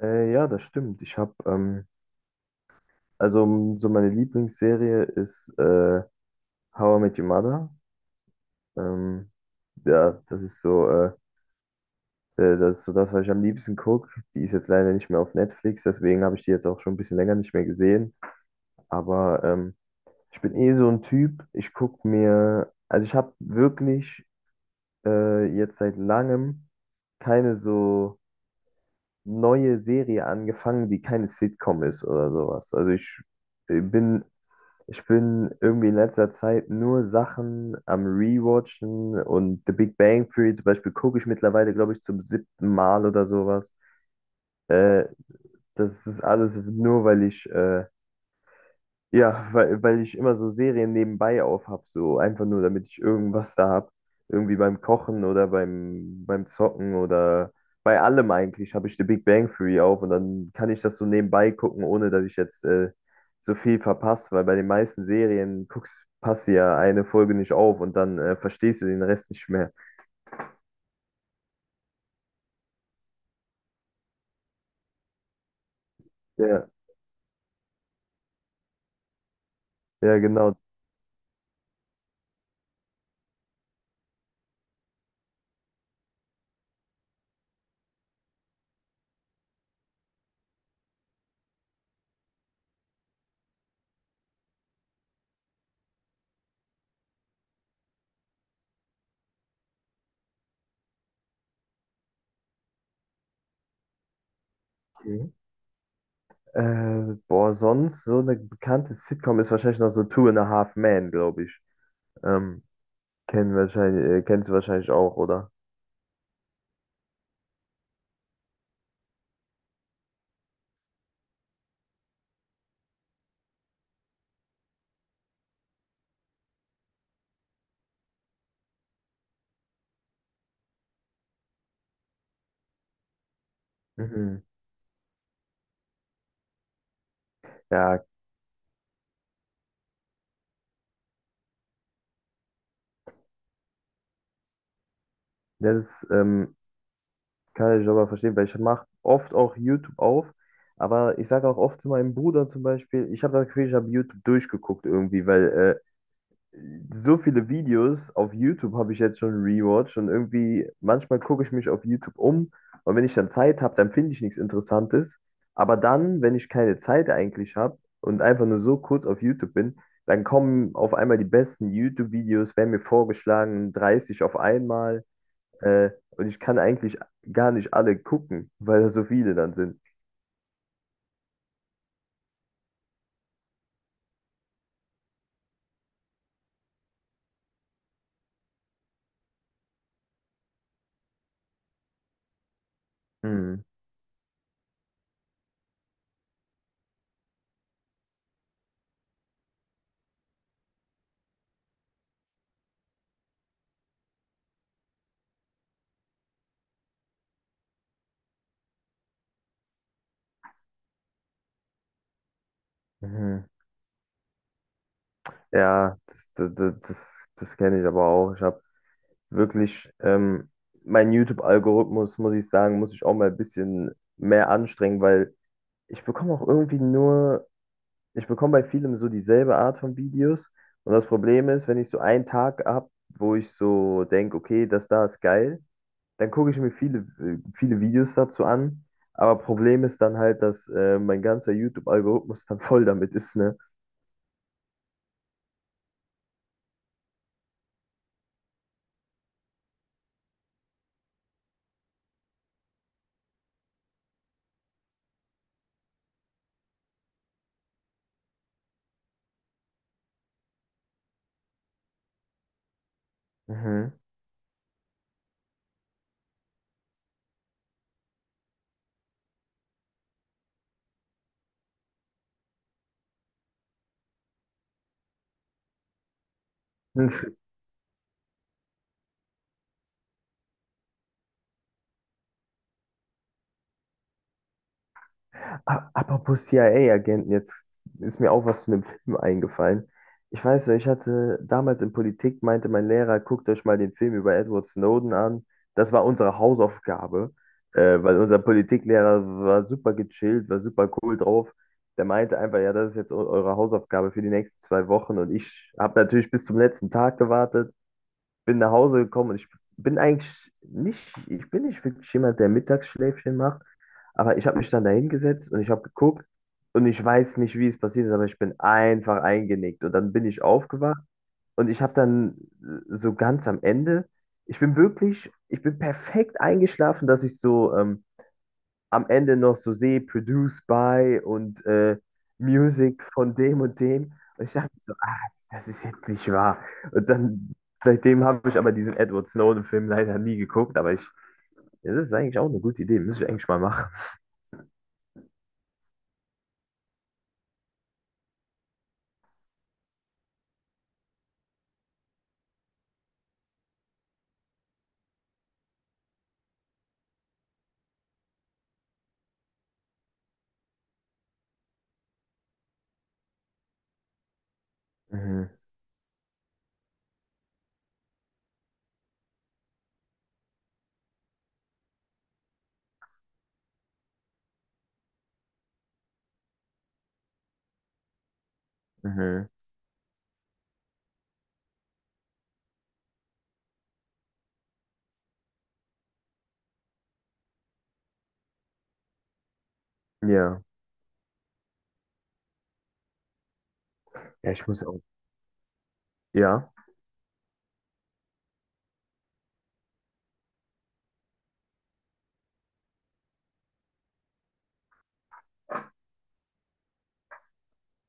Ja, das stimmt. Ich habe, also so meine Lieblingsserie ist How I Met Your Mother. Ähm, ja, das ist so, das ist so das, was ich am liebsten gucke. Die ist jetzt leider nicht mehr auf Netflix, deswegen habe ich die jetzt auch schon ein bisschen länger nicht mehr gesehen. Aber ich bin eh so ein Typ. Ich gucke mir, also ich habe wirklich jetzt seit langem keine so neue Serie angefangen, die keine Sitcom ist oder sowas. Also ich bin Ich bin irgendwie in letzter Zeit nur Sachen am Rewatchen und The Big Bang Theory zum Beispiel gucke ich mittlerweile, glaube ich, zum siebten Mal oder sowas. Äh, Das ist alles nur, weil ich ja, weil ich immer so Serien nebenbei aufhab, so einfach nur, damit ich irgendwas da hab. Irgendwie beim Kochen oder beim Zocken oder bei allem eigentlich habe ich The Big Bang Theory auf und dann kann ich das so nebenbei gucken, ohne dass ich jetzt so viel verpasse, weil bei den meisten Serien guckst, passt ja eine Folge nicht auf und dann verstehst du den Rest nicht mehr. Ja, ja, genau. Mhm. Boah, sonst so eine bekannte Sitcom ist wahrscheinlich noch so Two and a Half Men, glaube ich. Ähm, Kennst du wahrscheinlich auch, oder? Mhm. Ja, das kann ich aber verstehen, weil ich mache oft auch YouTube auf, aber ich sage auch oft zu meinem Bruder zum Beispiel, ich habe das Gefühl, ich habe YouTube durchgeguckt irgendwie, weil so viele Videos auf YouTube habe ich jetzt schon rewatcht und irgendwie manchmal gucke ich mich auf YouTube um und wenn ich dann Zeit habe, dann finde ich nichts Interessantes. Aber dann, wenn ich keine Zeit eigentlich habe und einfach nur so kurz auf YouTube bin, dann kommen auf einmal die besten YouTube-Videos, werden mir vorgeschlagen, 30 auf einmal. Und ich kann eigentlich gar nicht alle gucken, weil da so viele dann sind. Hm. Mhm. Ja, das kenne ich aber auch. Ich habe wirklich mein YouTube-Algorithmus, muss ich sagen, muss ich auch mal ein bisschen mehr anstrengen, weil ich bekomme auch irgendwie nur, ich bekomme bei vielem so dieselbe Art von Videos. Und das Problem ist, wenn ich so einen Tag habe, wo ich so denke, okay, das da ist geil, dann gucke ich mir viele Videos dazu an. Aber Problem ist dann halt, dass mein ganzer YouTube-Algorithmus dann voll damit ist, ne? Mhm. Apropos CIA-Agenten, jetzt ist mir auch was zu einem Film eingefallen. Ich weiß noch, ich hatte damals in Politik, meinte mein Lehrer, guckt euch mal den Film über Edward Snowden an. Das war unsere Hausaufgabe, weil unser Politiklehrer war super gechillt, war super cool drauf. Der meinte einfach, ja, das ist jetzt eure Hausaufgabe für die nächsten 2 Wochen. Und ich habe natürlich bis zum letzten Tag gewartet, bin nach Hause gekommen und ich bin eigentlich nicht, ich bin nicht wirklich jemand, der Mittagsschläfchen macht, aber ich habe mich dann da hingesetzt und ich habe geguckt und ich weiß nicht, wie es passiert ist, aber ich bin einfach eingenickt und dann bin ich aufgewacht und ich habe dann so ganz am Ende, ich bin wirklich, ich bin perfekt eingeschlafen, dass ich so am Ende noch so sehe, produced by und Music von dem und dem. Und ich dachte so, ah, das ist jetzt nicht wahr. Und dann, seitdem habe ich aber diesen Edward Snowden-Film leider nie geguckt, aber ich, das ist eigentlich auch eine gute Idee, müsste ich eigentlich mal machen. Mhm, mhm, ja. Ja, ich muss auch. Ja,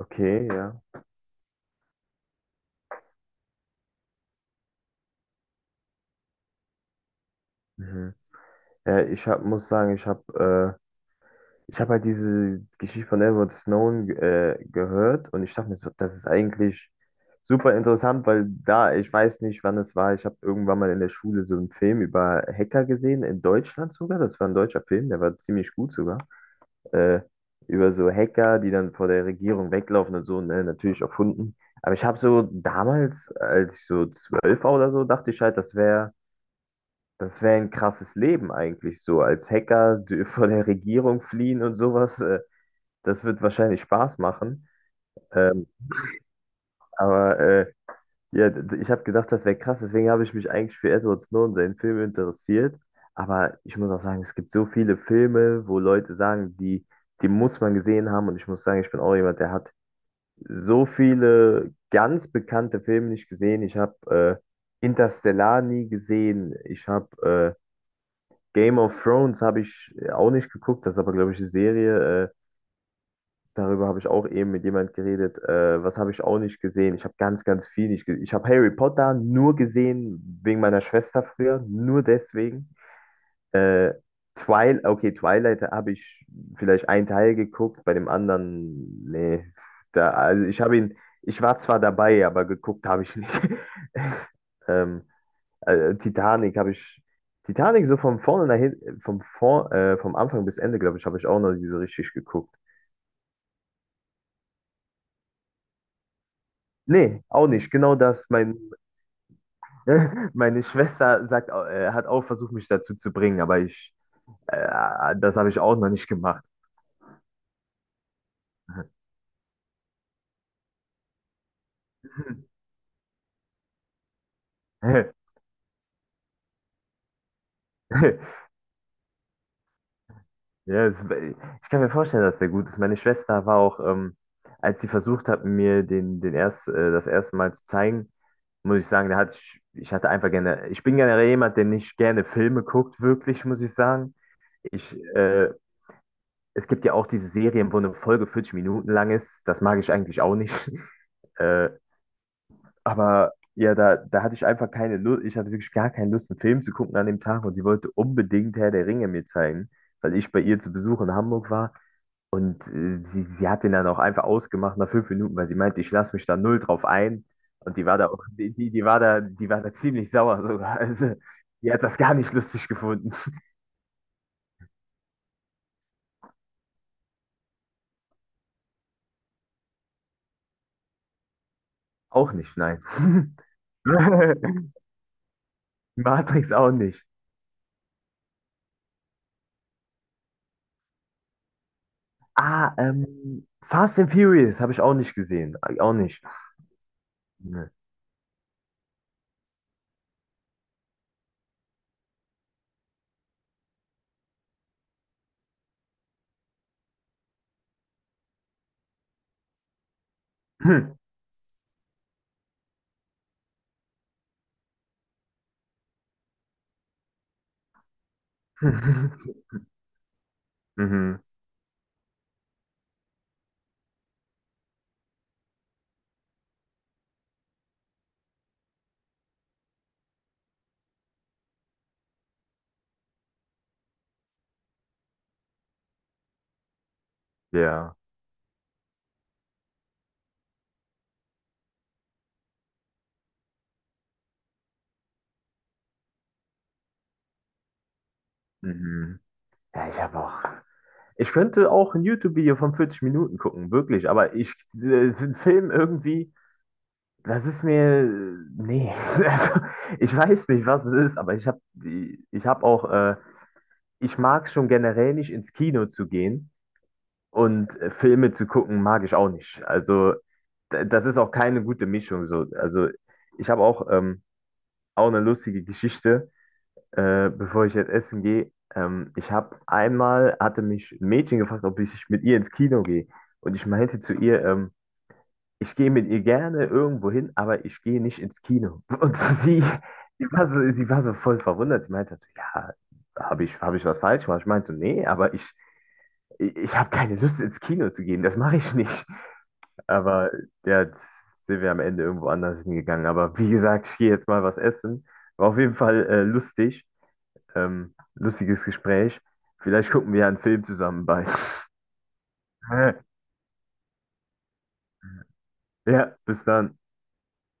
okay, ja. Mhm. Ja, ich hab, muss sagen, ich hab halt diese Geschichte von Edward Snowden gehört und ich dachte mir so, das ist eigentlich super interessant, weil da, ich weiß nicht, wann es war, ich habe irgendwann mal in der Schule so einen Film über Hacker gesehen, in Deutschland sogar, das war ein deutscher Film, der war ziemlich gut sogar, äh, über so Hacker, die dann vor der Regierung weglaufen und so, ne, natürlich erfunden. Aber ich habe so damals, als ich so 12 war oder so, dachte ich halt, das wäre ein krasses Leben eigentlich so. Als Hacker vor der Regierung fliehen und sowas, das wird wahrscheinlich Spaß machen. Ähm, aber ja, ich habe gedacht, das wäre krass. Deswegen habe ich mich eigentlich für Edward Snowden, seinen Film, interessiert. Aber ich muss auch sagen, es gibt so viele Filme, wo Leute sagen, die muss man gesehen haben. Und ich muss sagen, ich bin auch jemand, der hat so viele ganz bekannte Filme nicht gesehen. Ich habe Interstellar nie gesehen. Ich habe Game of Thrones, habe ich auch nicht geguckt, das ist aber, glaube ich, eine Serie. Darüber habe ich auch eben mit jemand geredet. Was habe ich auch nicht gesehen? Ich habe ganz, ganz viel nicht gesehen. Ich habe Harry Potter nur gesehen wegen meiner Schwester früher, nur deswegen. Äh, Twilight, okay, Twilight habe ich vielleicht einen Teil geguckt, bei dem anderen, nee. Da, also ich habe ihn, ich war zwar dabei, aber geguckt habe ich nicht. Ähm, Titanic habe ich. Titanic so von vorne nach hinten, vom Anfang bis Ende, glaube ich, habe ich auch noch nie so richtig geguckt. Nee, auch nicht. Genau das. Meine Schwester sagt, hat auch versucht, mich dazu zu bringen, aber ich, das habe ich auch noch nicht gemacht. Ja, es, ich kann mir vorstellen, dass der gut ist. Meine Schwester war auch, als sie versucht hat, mir das erste Mal zu zeigen, muss ich sagen, da hatte ich, ich hatte einfach gerne, ich bin generell jemand, der nicht gerne Filme guckt, wirklich, muss ich sagen. Ich, äh, Es gibt ja auch diese Serien, wo eine Folge 40 Minuten lang ist. Das mag ich eigentlich auch nicht. Äh, aber ja, da hatte ich einfach keine Lust, ich hatte wirklich gar keine Lust, einen Film zu gucken an dem Tag und sie wollte unbedingt Herr der Ringe mir zeigen, weil ich bei ihr zu Besuch in Hamburg war. Und sie hat den dann auch einfach ausgemacht nach 5 Minuten, weil sie meinte, ich lasse mich da null drauf ein. Und die war da auch, die war da ziemlich sauer sogar. Also, die hat das gar nicht lustig gefunden. Auch nicht, nein. Matrix auch nicht. Ah, Fast and Furious habe ich auch nicht gesehen. Auch nicht. Ne. Hm. Mhm. Ja. Mhm. Ja, ich habe auch. Ich könnte auch ein YouTube-Video von 40 Minuten gucken, wirklich, aber ich, den Film irgendwie, das ist mir, nee, also ich weiß nicht, was es ist, aber ich habe auch, ich mag schon generell nicht ins Kino zu gehen und Filme zu gucken, mag ich auch nicht. Also das ist auch keine gute Mischung so. Also ich habe auch, auch eine lustige Geschichte, bevor ich jetzt essen gehe. Ich habe einmal, hatte mich ein Mädchen gefragt, ob ich mit ihr ins Kino gehe. Und ich meinte zu ihr, ich gehe mit ihr gerne irgendwo hin, aber ich gehe nicht ins Kino. Und sie war so, sie war so voll verwundert. Sie meinte halt so, ja, habe ich, hab ich was falsch gemacht? Ich meinte so, nee, aber ich habe keine Lust ins Kino zu gehen, das mache ich nicht. Aber ja, jetzt sind wir am Ende irgendwo anders hingegangen. Aber wie gesagt, ich gehe jetzt mal was essen. War auf jeden Fall lustig. Lustiges Gespräch. Vielleicht gucken wir ja einen Film zusammen bei. Ja, bis dann.